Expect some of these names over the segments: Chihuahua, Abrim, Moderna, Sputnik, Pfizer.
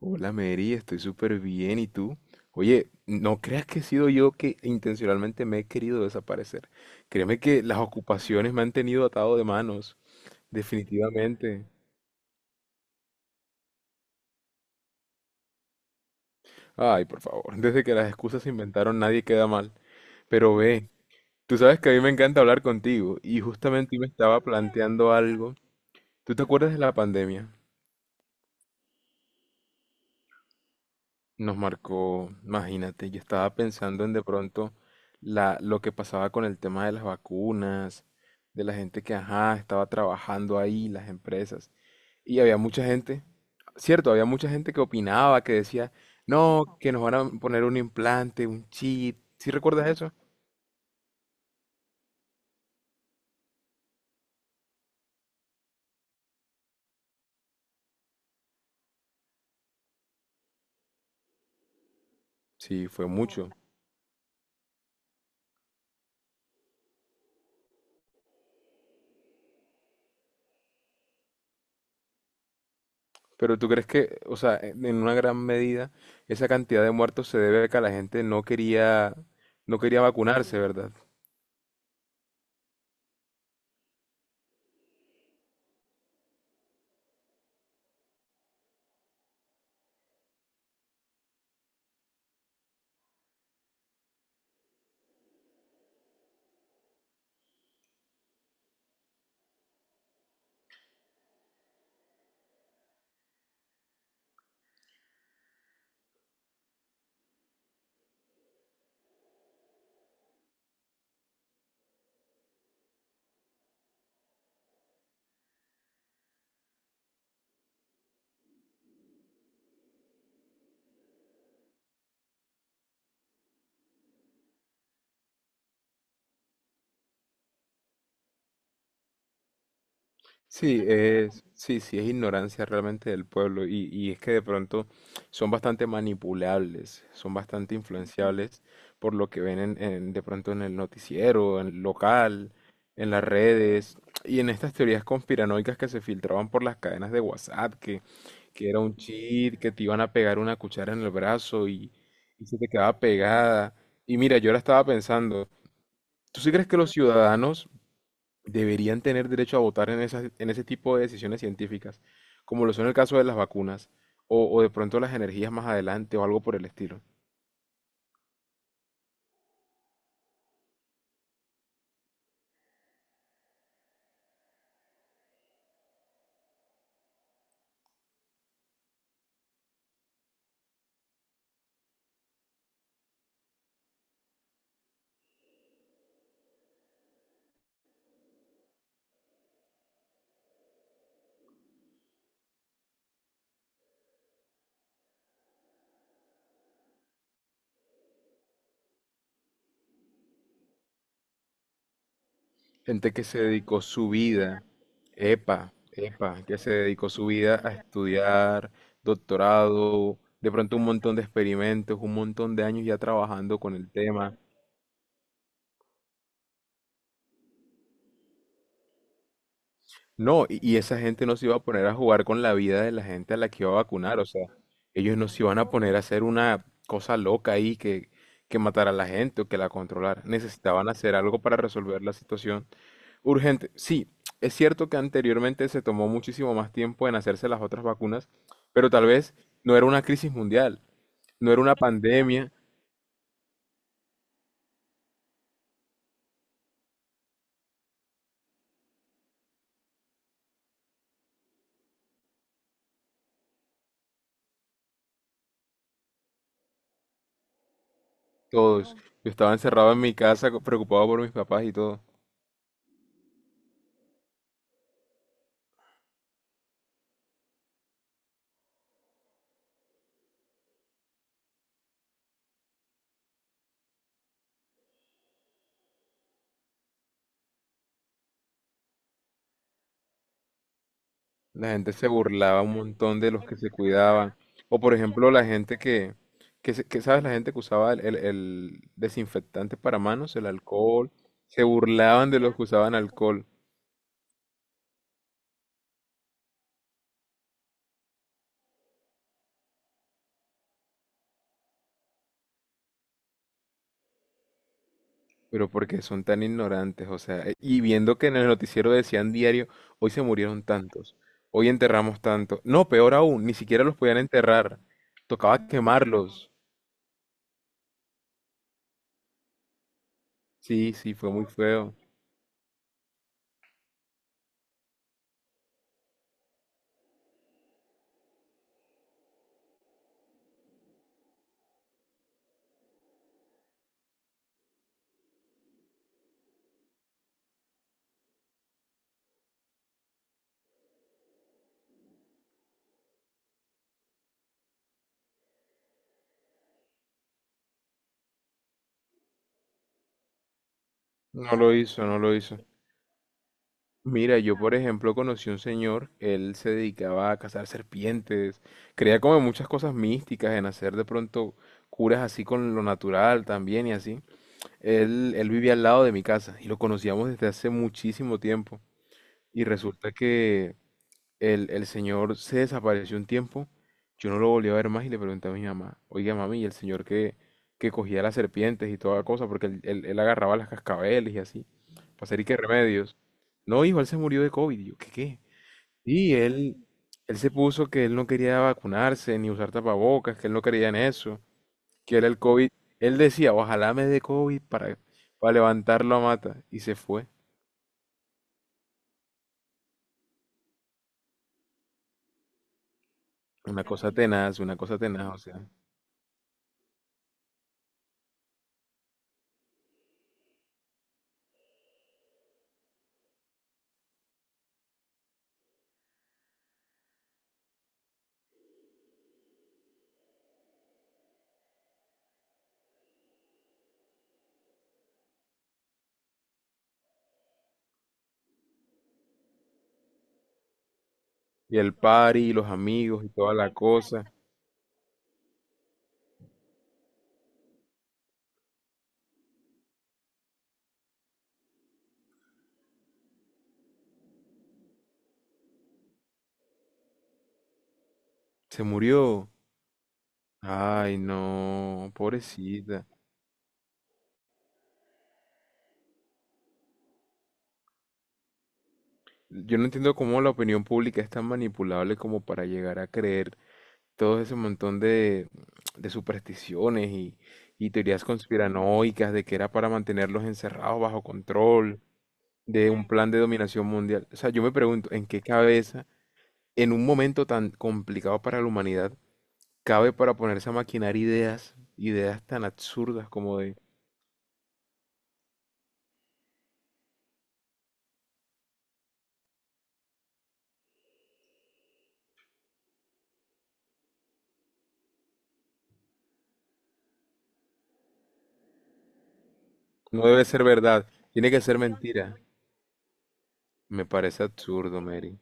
Hola Mary, estoy súper bien. ¿Y tú? Oye, no creas que he sido yo que intencionalmente me he querido desaparecer. Créeme que las ocupaciones me han tenido atado de manos, definitivamente. Ay, por favor, desde que las excusas se inventaron nadie queda mal. Pero ve, tú sabes que a mí me encanta hablar contigo y justamente hoy me estaba planteando algo. ¿Tú te acuerdas de la pandemia? Nos marcó, imagínate, yo estaba pensando en de pronto lo que pasaba con el tema de las vacunas, de la gente que, ajá, estaba trabajando ahí, las empresas. Y había mucha gente, cierto, había mucha gente que opinaba, que decía, no, que nos van a poner un implante, un chip. ¿Sí recuerdas eso? Sí, fue mucho. Pero ¿tú crees que, o sea, en una gran medida, esa cantidad de muertos se debe a que la gente no quería, no quería vacunarse, ¿verdad? Sí, es, sí, sí, es ignorancia realmente del pueblo y es que de pronto son bastante manipulables, son bastante influenciables por lo que ven de pronto en el noticiero, en el local, en las redes y en estas teorías conspiranoicas que se filtraban por las cadenas de WhatsApp, que era un cheat, que te iban a pegar una cuchara en el brazo y se te quedaba pegada. Y mira, yo ahora estaba pensando, ¿tú sí crees que los ciudadanos deberían tener derecho a votar en ese tipo de decisiones científicas, como lo son el caso de las vacunas, o de pronto las energías más adelante, o algo por el estilo? Gente que se dedicó su vida, epa, epa, que se dedicó su vida a estudiar, doctorado, de pronto un montón de experimentos, un montón de años ya trabajando con el tema. No, y esa gente no se iba a poner a jugar con la vida de la gente a la que iba a vacunar, o sea, ellos no se iban a poner a hacer una cosa loca ahí que matara a la gente o que la controlara. Necesitaban hacer algo para resolver la situación urgente. Sí, es cierto que anteriormente se tomó muchísimo más tiempo en hacerse las otras vacunas, pero tal vez no era una crisis mundial, no era una pandemia, todos. Yo estaba encerrado en mi casa preocupado por mis papás y todo. La gente se burlaba un montón de los que se cuidaban. O por ejemplo, la gente que, ¿sabes? La gente que usaba el desinfectante para manos, el alcohol. Se burlaban de los que usaban alcohol. Pero porque son tan ignorantes, o sea, y viendo que en el noticiero decían diario, hoy se murieron tantos, hoy enterramos tantos. No, peor aún, ni siquiera los podían enterrar. Tocaba quemarlos. Sí, sí, fue muy feo. No lo hizo, no lo hizo. Mira, yo por ejemplo conocí un señor, él se dedicaba a cazar serpientes, creía como en muchas cosas místicas, en hacer de pronto curas así con lo natural también y así. Él vivía al lado de mi casa y lo conocíamos desde hace muchísimo tiempo. Y resulta que el señor se desapareció un tiempo, yo no lo volví a ver más y le pregunté a mi mamá, oiga mami, y el señor que cogía las serpientes y toda cosa, porque él agarraba las cascabeles y así, para hacer y qué remedios. No, hijo, él se murió de COVID. Y yo, ¿qué? Y él se puso que él no quería vacunarse ni usar tapabocas, que él no creía en eso, que era el COVID. Él decía, ojalá me dé COVID para levantarlo a mata. Y se fue. Una cosa tenaz, o sea. Y el party, y los amigos y toda la cosa. Se murió. Ay, no, pobrecita. Yo no entiendo cómo la opinión pública es tan manipulable como para llegar a creer todo ese montón de supersticiones y teorías conspiranoicas de que era para mantenerlos encerrados bajo control, de un plan de dominación mundial. O sea, yo me pregunto, ¿en qué cabeza, en un momento tan complicado para la humanidad, cabe para ponerse a maquinar ideas, ideas tan absurdas como de... No debe ser verdad, tiene que ser mentira. Me parece absurdo, Mary.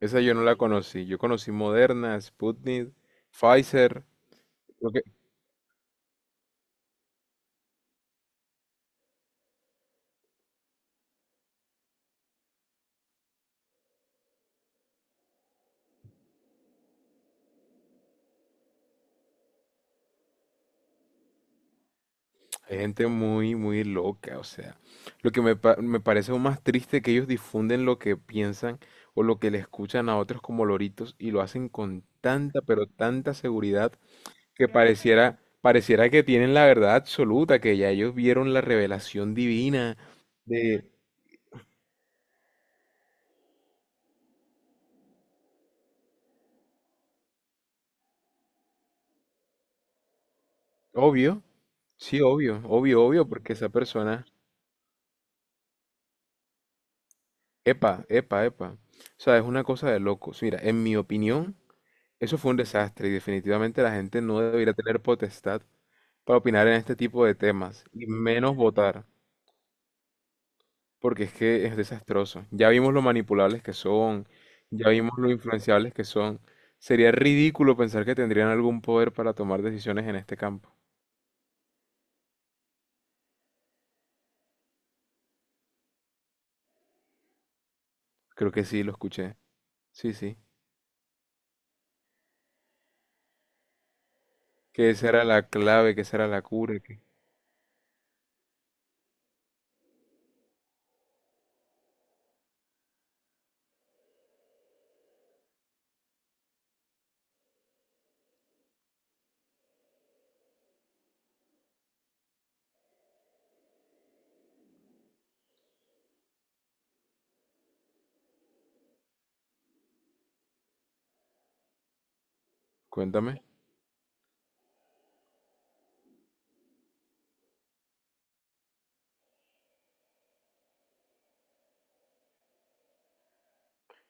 Esa yo no la conocí. Yo conocí Moderna, Sputnik, Pfizer. Lo que... Hay gente muy, muy loca, o sea. Lo que me parece aún más triste que ellos difunden lo que piensan o lo que le escuchan a otros como loritos y lo hacen con tanta, pero tanta seguridad que pareciera, pareciera que tienen la verdad absoluta, que ya ellos vieron la revelación divina de... Obvio. Sí, obvio, obvio, obvio, porque esa persona, epa, epa, epa. O sea, es una cosa de locos. Mira, en mi opinión, eso fue un desastre y definitivamente la gente no debería tener potestad para opinar en este tipo de temas y menos votar, porque es que es desastroso. Ya vimos lo manipulables que son, ya vimos lo influenciables que son. Sería ridículo pensar que tendrían algún poder para tomar decisiones en este campo. Creo que sí, lo escuché. Sí, sí. Que esa era la clave, que esa era la cura. Que... Cuéntame.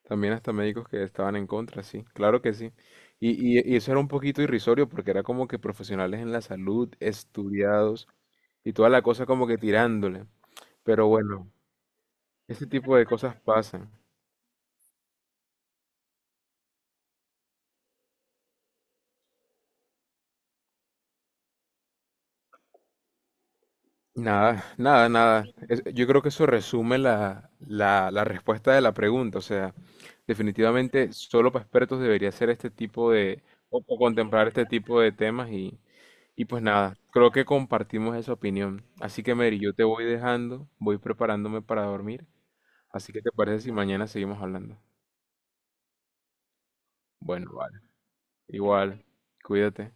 También hasta médicos que estaban en contra, sí, claro que sí. Y, y eso era un poquito irrisorio porque era como que profesionales en la salud, estudiados y toda la cosa como que tirándole. Pero bueno, ese tipo de cosas pasan. Nada, nada, nada. Es- yo creo que eso resume la respuesta de la pregunta. O sea, definitivamente solo para expertos debería ser este tipo de, o contemplar este tipo de temas y pues nada, creo que compartimos esa opinión. Así que Mary, yo te voy dejando, voy preparándome para dormir. Así que te parece si mañana seguimos hablando. Bueno, vale. Igual, cuídate.